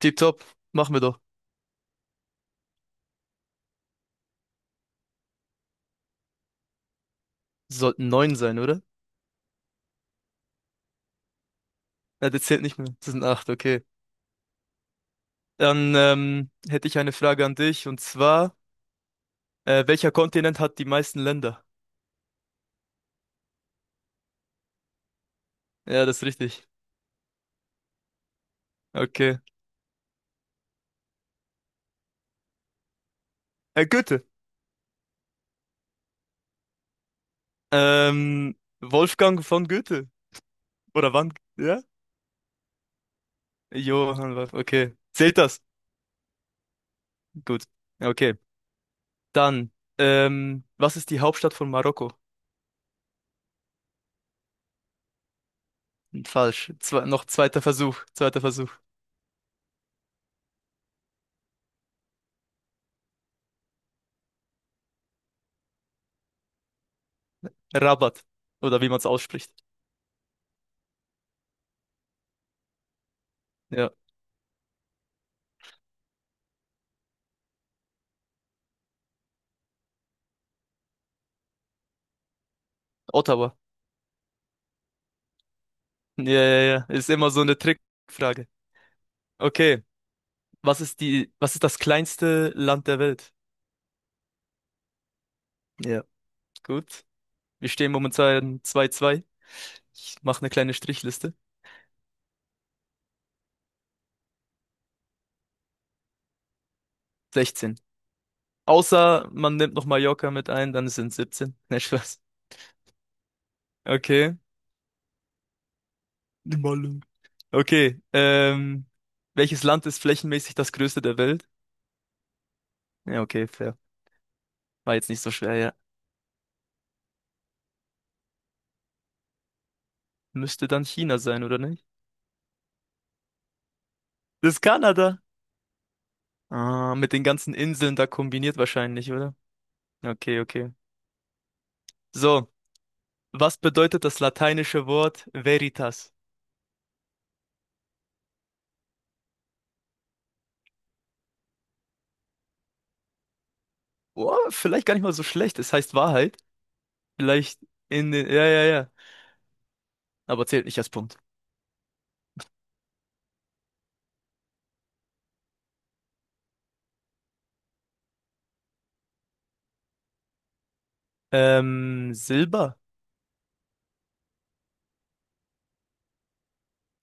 Tipptopp, machen wir doch. Sollten 9 sein, oder? Na, das zählt nicht mehr. Das sind 8, okay. Dann hätte ich eine Frage an dich, und zwar, welcher Kontinent hat die meisten Länder? Ja, das ist richtig. Okay. Goethe. Wolfgang von Goethe. Oder wann? Ja? Johann Wolf. Okay. Zählt das? Gut. Okay. Dann, was ist die Hauptstadt von Marokko? Falsch. Zwe Noch zweiter Versuch. Zweiter Versuch. Rabat. Oder wie man es ausspricht. Ja. Ottawa. Ja, ja, ja. Ist immer so eine Trickfrage. Okay. Was ist das kleinste Land der Welt? Ja, gut. Wir stehen momentan 2-2. Ich mache eine kleine Strichliste. 16. Außer man nimmt noch Mallorca mit ein, dann sind 17. Nein, Spaß. Okay. Die Malle. Okay. Welches Land ist flächenmäßig das größte der Welt? Ja, okay, fair. War jetzt nicht so schwer, ja. Müsste dann China sein, oder nicht? Das ist Kanada. Ah, mit den ganzen Inseln da kombiniert wahrscheinlich. Okay, okay. So, was bedeutet das lateinische Wort Veritas? Oh, vielleicht gar nicht mal so schlecht. Es heißt Wahrheit. Vielleicht in den. Ja, ja, ja. Aber zählt nicht als Punkt. Silber?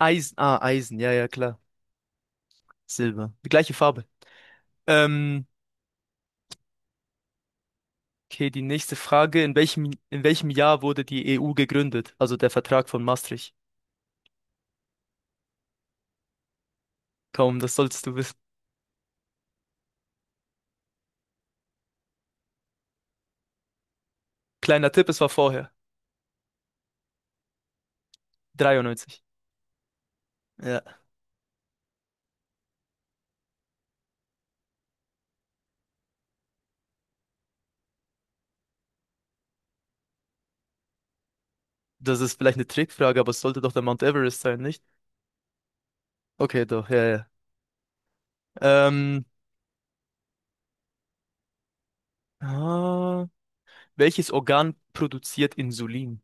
Eisen. Ah, Eisen. Ja, ja, klar. Silber. Die gleiche Farbe. Ähm, okay, die nächste Frage. In welchem Jahr wurde die EU gegründet? Also der Vertrag von Maastricht. Kaum, das solltest du wissen. Kleiner Tipp, es war vorher. 93. Ja. Das ist vielleicht eine Trickfrage, aber es sollte doch der Mount Everest sein, nicht? Okay, doch, ja, ja. Ähm, ah, welches Organ produziert Insulin?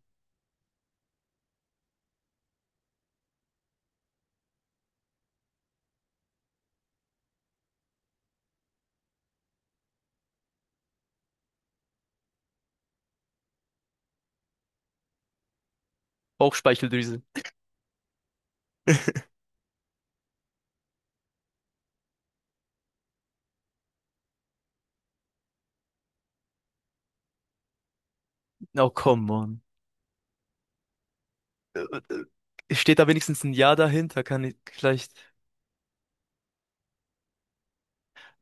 Bauchspeicheldrüse. Oh, come on. Äh, Steht da wenigstens ein Ja dahinter? Kann ich vielleicht.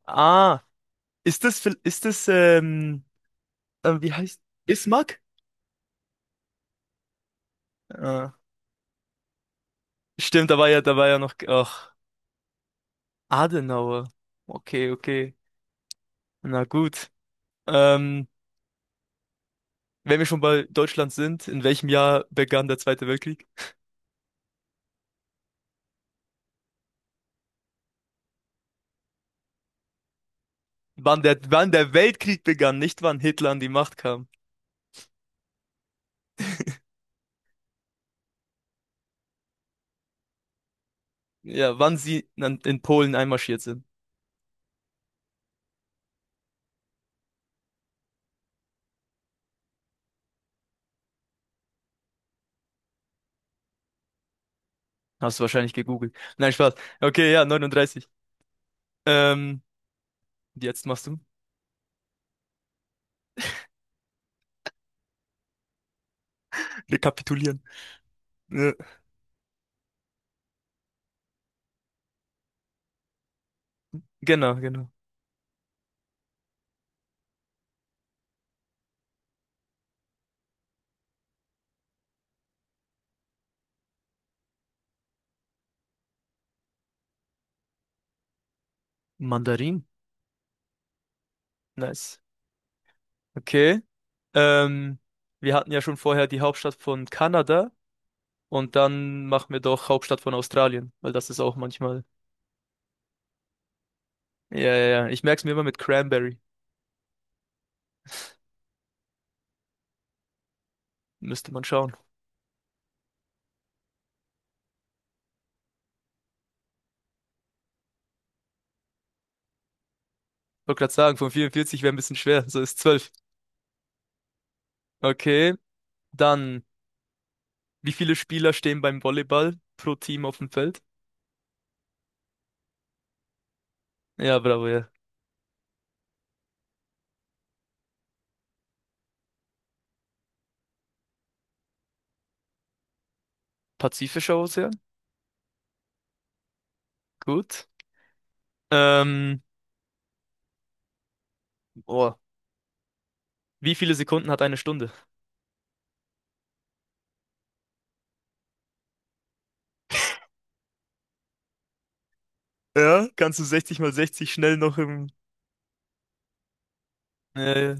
Ah, ist das, wie heißt? Bismarck? Ah, stimmt, da war ja noch, ach, Adenauer. Okay, okay. Na gut. Ähm, wenn wir schon bei Deutschland sind, in welchem Jahr begann der Zweite Weltkrieg? Wann der Weltkrieg begann, nicht wann Hitler an die Macht kam. Ja, wann sie in Polen einmarschiert sind. Hast du wahrscheinlich gegoogelt. Nein, Spaß. Okay, ja, 39. Ähm, jetzt machst du. Rekapitulieren. Ja. Genau, genau. Mandarin. Nice. Okay. Ähm, wir hatten ja schon vorher die Hauptstadt von Kanada, und dann machen wir doch Hauptstadt von Australien, weil das ist auch manchmal. Ja, ja, ja. Ich merke es mir immer mit Cranberry. Müsste man schauen. Wollte gerade sagen, von 44 wäre ein bisschen schwer. So ist 12. Okay. Dann. Wie viele Spieler stehen beim Volleyball pro Team auf dem Feld? Ja, bravo, ja. Pazifischer Ozean. Gut. Ähm, oh. Wie viele Sekunden hat eine Stunde? Ja, kannst du 60 mal 60 schnell noch im. Ja, ja,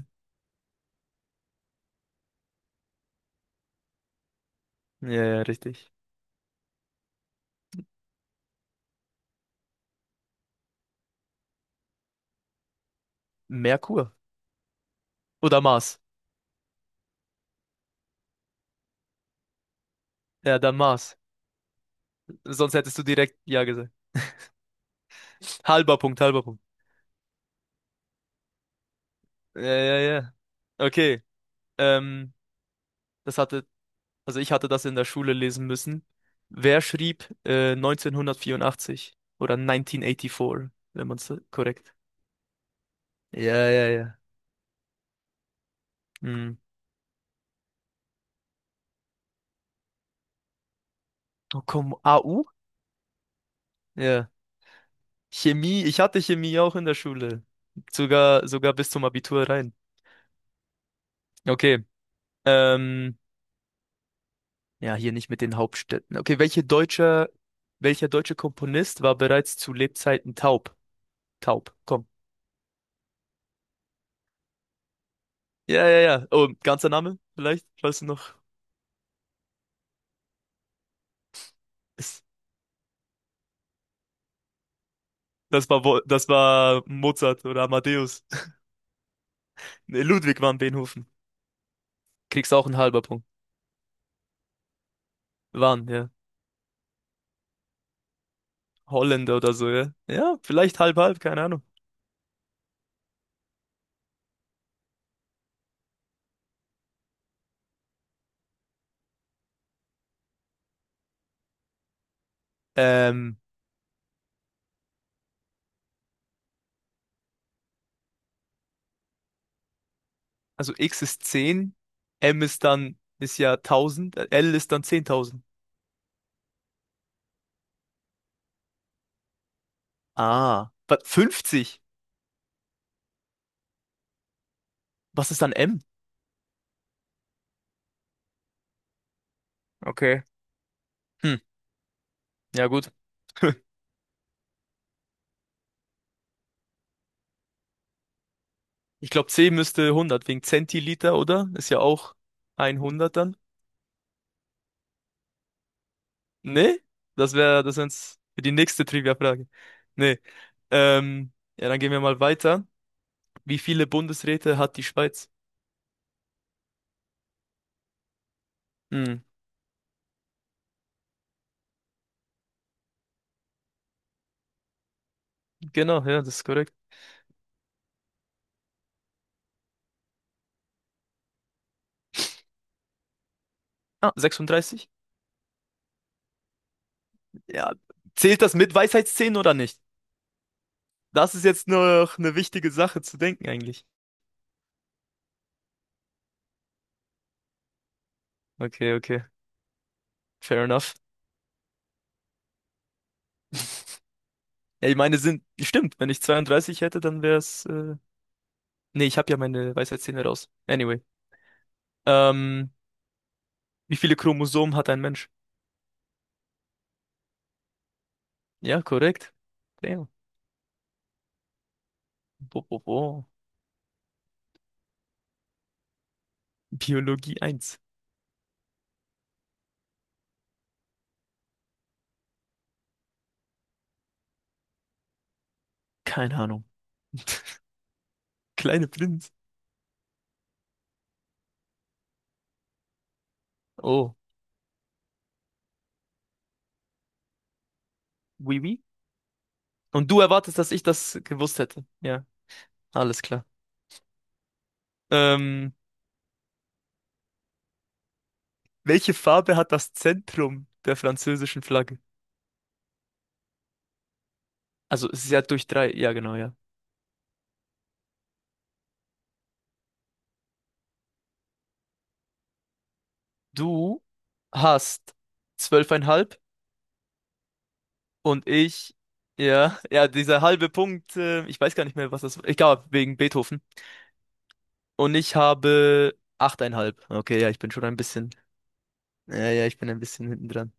ja, ja, richtig. Merkur. Oder Mars. Ja, dann Mars. Sonst hättest du direkt Ja gesagt. Halber Punkt, halber Punkt. Ja, ja, ja. Okay. Ähm, das hatte Also ich hatte das in der Schule lesen müssen. Wer schrieb 1984 oder 1984, wenn man es korrekt. Ja, ja, ja. Hm. Oh komm, AU? Ja. Chemie, ich hatte Chemie auch in der Schule. Sogar, sogar bis zum Abitur rein. Okay. Ähm, ja, hier nicht mit den Hauptstädten. Okay, welcher deutsche Komponist war bereits zu Lebzeiten taub? Taub, komm. Ja, ja, ja. Oh, ganzer Name vielleicht, weißt du noch. Das war Mozart oder Amadeus. Nee, Ludwig van Beethoven. Kriegst auch einen halber Punkt. Waren, ja. Holländer oder so, ja. Ja, vielleicht halb, halb, keine Ahnung. Ähm, also X ist 10. M ist dann, ist ja 1000. L ist dann 10000. Ah, was, 50. Was ist dann M? Okay. Hm, ja gut. Ich glaube, C müsste 100 wegen Zentiliter, oder? Ist ja auch 100 dann. Nee? Das wär's für die nächste Trivia-Frage. Nee. Ähm, ja, dann gehen wir mal weiter. Wie viele Bundesräte hat die Schweiz? Hm, genau, ja, das ist korrekt. Ah, 36? Ja. Zählt das mit Weisheitszähnen oder nicht? Das ist jetzt noch eine wichtige Sache zu denken eigentlich. Okay, okay. Fair enough. Ja, ich meine, sind, stimmt, wenn ich 32 hätte, dann wäre es, nee, ich habe ja meine Weisheitszähne raus. Anyway. Ähm, wie viele Chromosomen hat ein Mensch? Ja, korrekt. Damn. Bo, bo, bo. Biologie eins, keine Ahnung. Kleine Blind. Oh, oui, oui. Und du erwartest, dass ich das gewusst hätte. Ja, alles klar. Ähm, welche Farbe hat das Zentrum der französischen Flagge? Also, es ist ja durch drei. Ja, genau, ja. Du hast zwölfeinhalb und ich, ja, ja, dieser halbe Punkt, ich weiß gar nicht mehr, was das war. Egal, wegen Beethoven. Und ich habe achteinhalb. Okay, ja, ich bin schon ein bisschen, ja, ja, ich bin ein bisschen hinten dran.